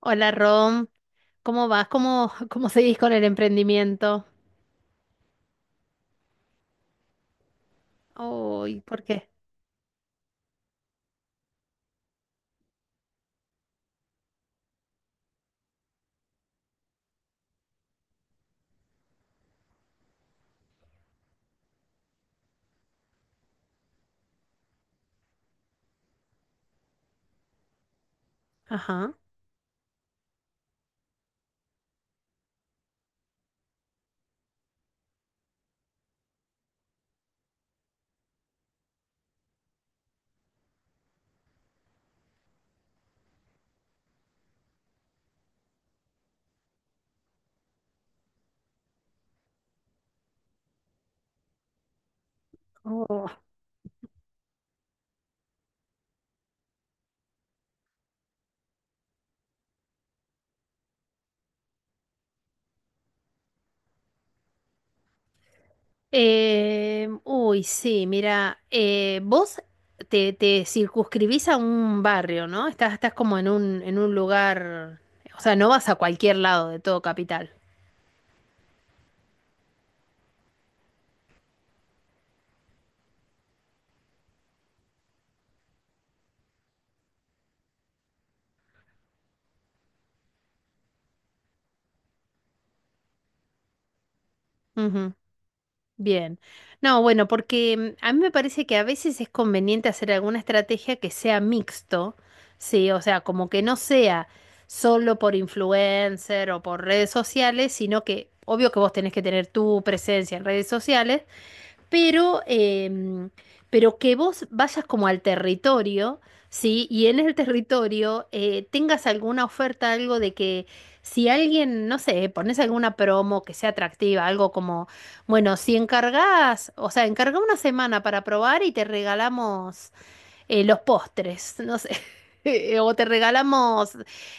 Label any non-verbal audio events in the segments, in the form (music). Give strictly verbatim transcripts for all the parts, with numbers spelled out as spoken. Hola Rom, ¿cómo vas? ¿Cómo, cómo seguís con el emprendimiento? Uy, ¿por qué? Ajá. Oh. Em, uy, sí, mira, eh, vos te, te circunscribís a un barrio, ¿no? Estás, estás como en un, en un lugar, o sea, no vas a cualquier lado de todo capital. Ujú. Bien. No, bueno, porque mm, a mí me parece que a veces es conveniente hacer alguna estrategia que sea mixto, sí, o sea, como que no sea solo por influencer o por redes sociales, sino que obvio que vos tenés que tener tu presencia en redes sociales, pero, em, pero que vos vayas como al territorio, ¿sí? Y en el territorio eh, tengas alguna oferta, algo de que si alguien, no sé, pones alguna promo que sea atractiva, algo como, bueno, si encargás, o sea, encarga una semana para probar y te regalamos eh, los postres, no sé. (laughs) O te regalamos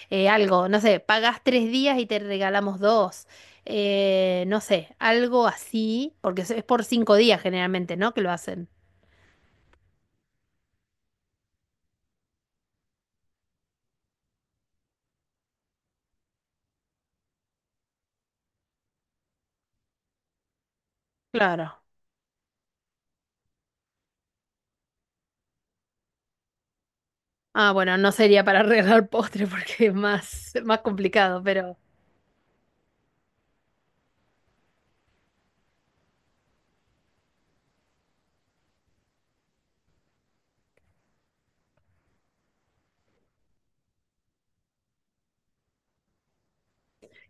eh, algo, no sé, pagas tres días y te regalamos dos. Eh, no sé, algo así, porque es es por cinco días generalmente, ¿no? Que lo hacen. Claro. Ah, bueno, no sería para (laughs) regalar postre porque es más, más complicado, pero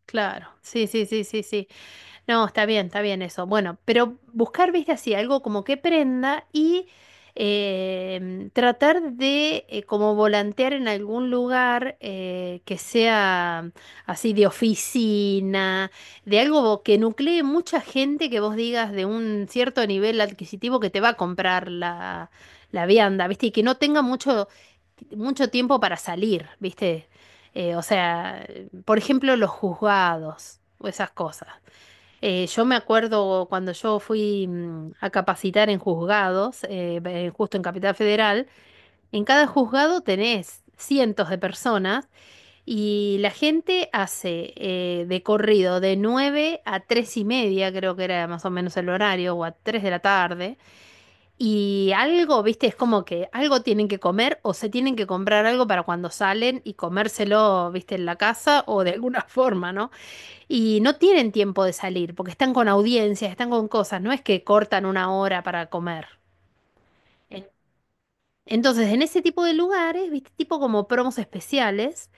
claro. Sí, sí, sí, sí, sí. No, está bien, está bien eso. Bueno, pero buscar, viste, así, algo como que prenda y em, tratar de eh, como volantear en algún lugar eh, que sea así de oficina, de algo que nuclee mucha gente que vos digas de un cierto nivel adquisitivo que te va a comprar la, la vianda, viste, y que no tenga mucho, mucho tiempo para salir, viste. Eh, o sea, por ejemplo, los juzgados o esas cosas. Eh, yo me acuerdo cuando yo fui mm, a capacitar en juzgados, eh, eh, justo en Capital Federal, en cada juzgado tenés cientos de personas y la gente hace eh, de corrido de nueve a tres y media, creo que era más o menos el horario, o a tres de la tarde, y algo, viste, es como que algo tienen que comer o se tienen que comprar algo para cuando salen y comérselo, viste, en la casa o de alguna (laughs) forma, ¿no? Y no tienen tiempo de salir porque están con audiencias, están con cosas, no es que cortan una hora para comer. En entonces, en ese tipo de lugares, viste, tipo como promos especiales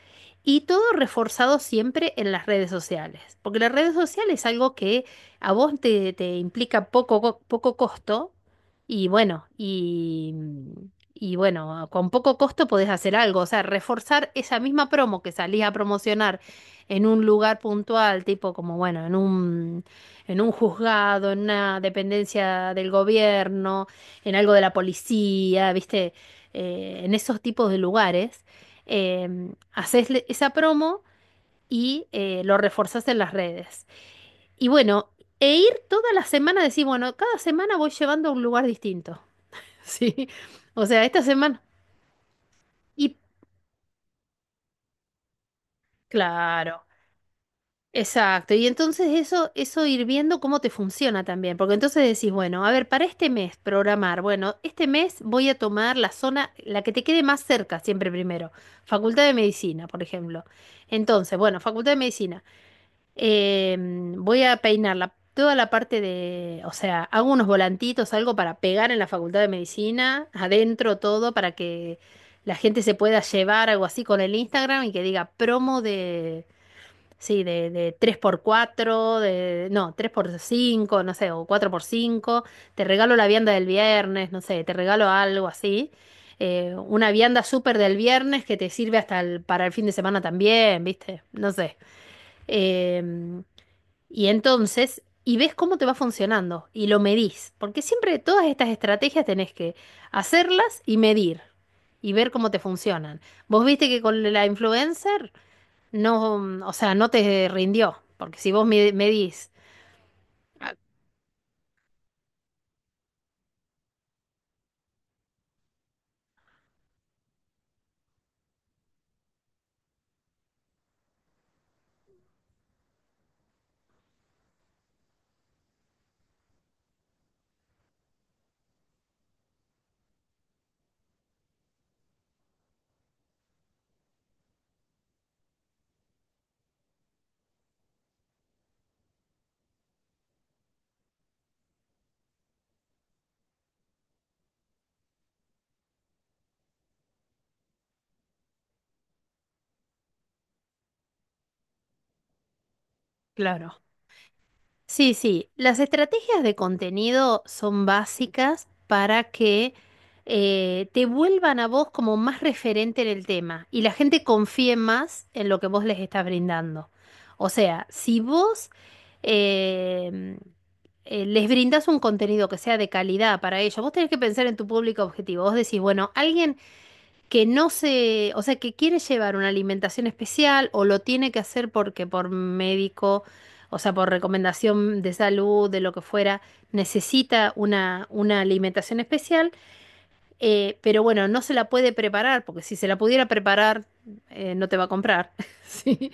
y todo reforzado siempre en las redes sociales, porque las redes sociales es algo que a vos te, te implica poco, co- poco costo y bueno, y, y bueno, con poco costo podés hacer algo, o sea, reforzar esa misma promo que salís a promocionar en un lugar puntual, tipo como bueno, en un, en un juzgado, en una dependencia del gobierno, en algo de la policía, ¿viste? eh, en esos tipos de lugares, em, haces le- esa promo y eh, lo reforzás en las redes. Y bueno, e ir toda la semana, decir, bueno, cada semana voy llevando a un lugar distinto. (laughs) Sí, o sea, esta semana. Y claro, exacto, y entonces eso, eso ir viendo cómo te funciona también, porque entonces decís, bueno, a ver, para este mes programar, bueno, este mes voy a tomar la zona, la que te quede más cerca siempre primero, Facultad de Medicina, por ejemplo. Entonces, bueno, Facultad de Medicina, eh, voy a peinar la- toda la parte de, o sea, hago unos volantitos, algo para pegar en la Facultad de Medicina, adentro todo, para que la gente se pueda llevar algo así con el Instagram y que diga promo de, sí, de, de tres por cuatro, de, no, tres por cinco, no sé, o cuatro por cinco. Te regalo la vianda del viernes, no sé, te regalo algo así. Eh, una vianda súper del viernes que te sirve hasta el- para el fin de semana también, ¿viste? No sé. Em, y entonces, y ves cómo te va funcionando y lo medís. Porque siempre todas estas estrategias tenés que hacerlas y medir y ver cómo te funcionan. ¿Vos viste que con la influencer? No, mm, o sea, no te rindió, porque si vos me, medís, claro. Sí, sí, las estrategias de contenido son básicas para que eh, te vuelvan a vos como más referente en el tema y la gente confíe más en lo que vos les estás brindando. O sea, si vos eh, eh, les brindás un contenido que sea de calidad para ellos, vos tenés que pensar en tu público objetivo. Vos decís, bueno, alguien que no se, o sea, que quiere llevar una alimentación especial o lo tiene que hacer porque por médico, o sea, por recomendación de salud, de lo que fuera, necesita una, una alimentación especial, eh, pero bueno, no se la puede preparar, porque si se la pudiera preparar, eh, no te va a comprar. (laughs) ¿Sí?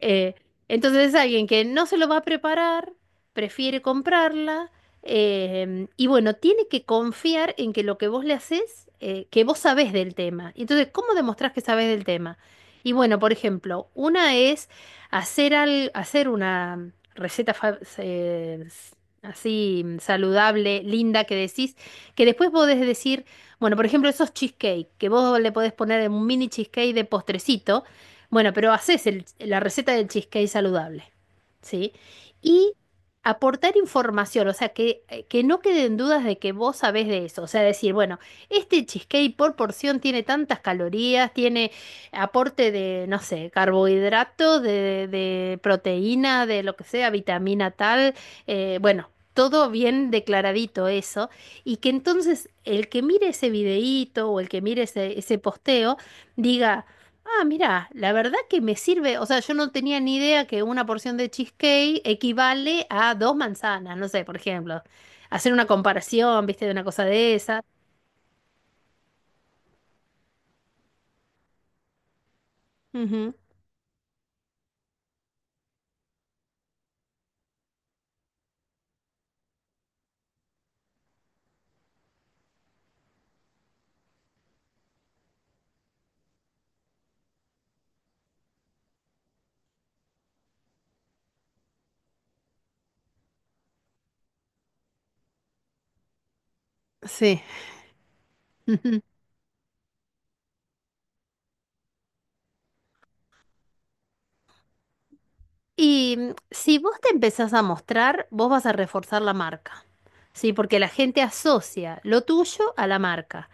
Eh, entonces, alguien que no se lo va a preparar, prefiere comprarla. eh, y bueno, tiene que confiar en que lo que vos le haces, eh, que vos sabés del tema. Y entonces, ¿cómo demostrás que sabés del tema? Y bueno, por ejemplo, una es hacer, al, hacer una receta fa- eh, s- así saludable, linda, que decís, que después podés decir. Bueno, por ejemplo, esos cheesecake, que vos le podés poner un mini cheesecake de postrecito. Bueno, pero haces el- la receta del cheesecake saludable, ¿sí? Y aportar información, o sea, que, eh, que no queden dudas de que vos sabés de eso. O sea, decir, bueno, este cheesecake por porción tiene tantas calorías, tiene aporte de, no sé, carbohidratos, de, de proteína, de lo que sea, vitamina tal. eh, bueno, todo bien declaradito eso y que entonces el que mire ese videíto o el que mire ese, ese posteo diga, ah, mira, la verdad que me sirve, o sea, yo no tenía ni idea que una porción de cheesecake equivale a dos manzanas, no sé, por ejemplo, hacer una comparación, viste, de una cosa de esa. Ujú. Sí. Ujú. Y mm, si vos te empezás a mostrar, vos vas a reforzar la marca, ¿sí? Porque la gente asocia lo tuyo a la marca.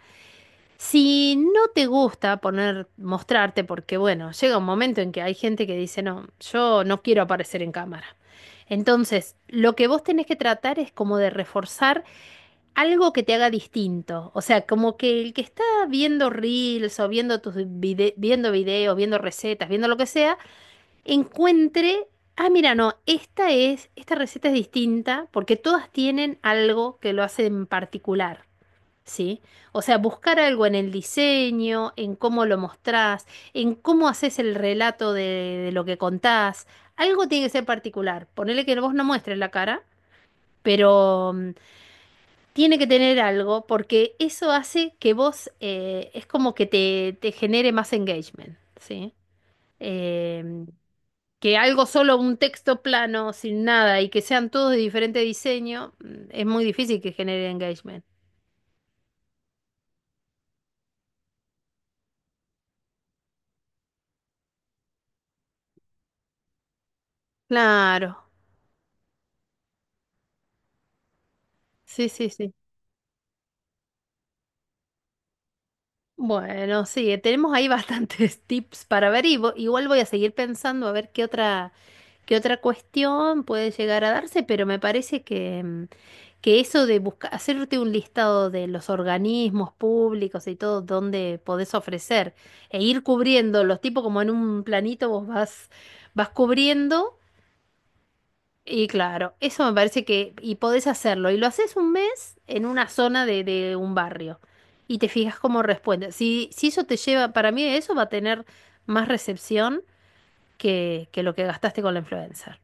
Si no te gusta poner, mostrarte, porque bueno, llega un momento en que hay gente que dice, no, yo no quiero aparecer en cámara. Entonces, lo que vos tenés que tratar es como de reforzar algo que te haga distinto. O sea, como que el que está viendo reels o viendo tus vide- viendo videos, viendo recetas, viendo lo que sea, encuentre, ah, mira, no, esta es, esta receta es distinta porque todas tienen algo que lo hace en particular. ¿Sí? O sea, buscar algo en el diseño, en cómo lo mostrás, en cómo haces el relato de, de lo que contás. Algo tiene que ser particular. Ponele que vos no muestres la cara, pero mm, tiene que tener algo porque eso hace que vos eh, es como que te, te genere más engagement, ¿sí? Eh, Que algo solo un texto plano, sin nada, y que sean todos de diferente diseño, mm, es muy difícil que genere engagement. Claro, sí, sí, sí. Bueno, sí, eh, tenemos ahí bastantes (laughs) tips para ver y vo- igual voy a seguir pensando a ver qué otra, qué otra, cuestión puede llegar a darse, pero me parece que, mm, que eso de buscar, hacerte un listado de los organismos públicos y todo donde podés ofrecer e ir cubriendo los tipos como en un planito vos vas, vas cubriendo. Y claro, eso me parece que, y podés hacerlo, y lo haces un mes en una zona de, de un barrio, y te fijas cómo responde. Si, si eso te lleva, para mí eso va a tener más recepción que, que lo que gastaste con la influencer.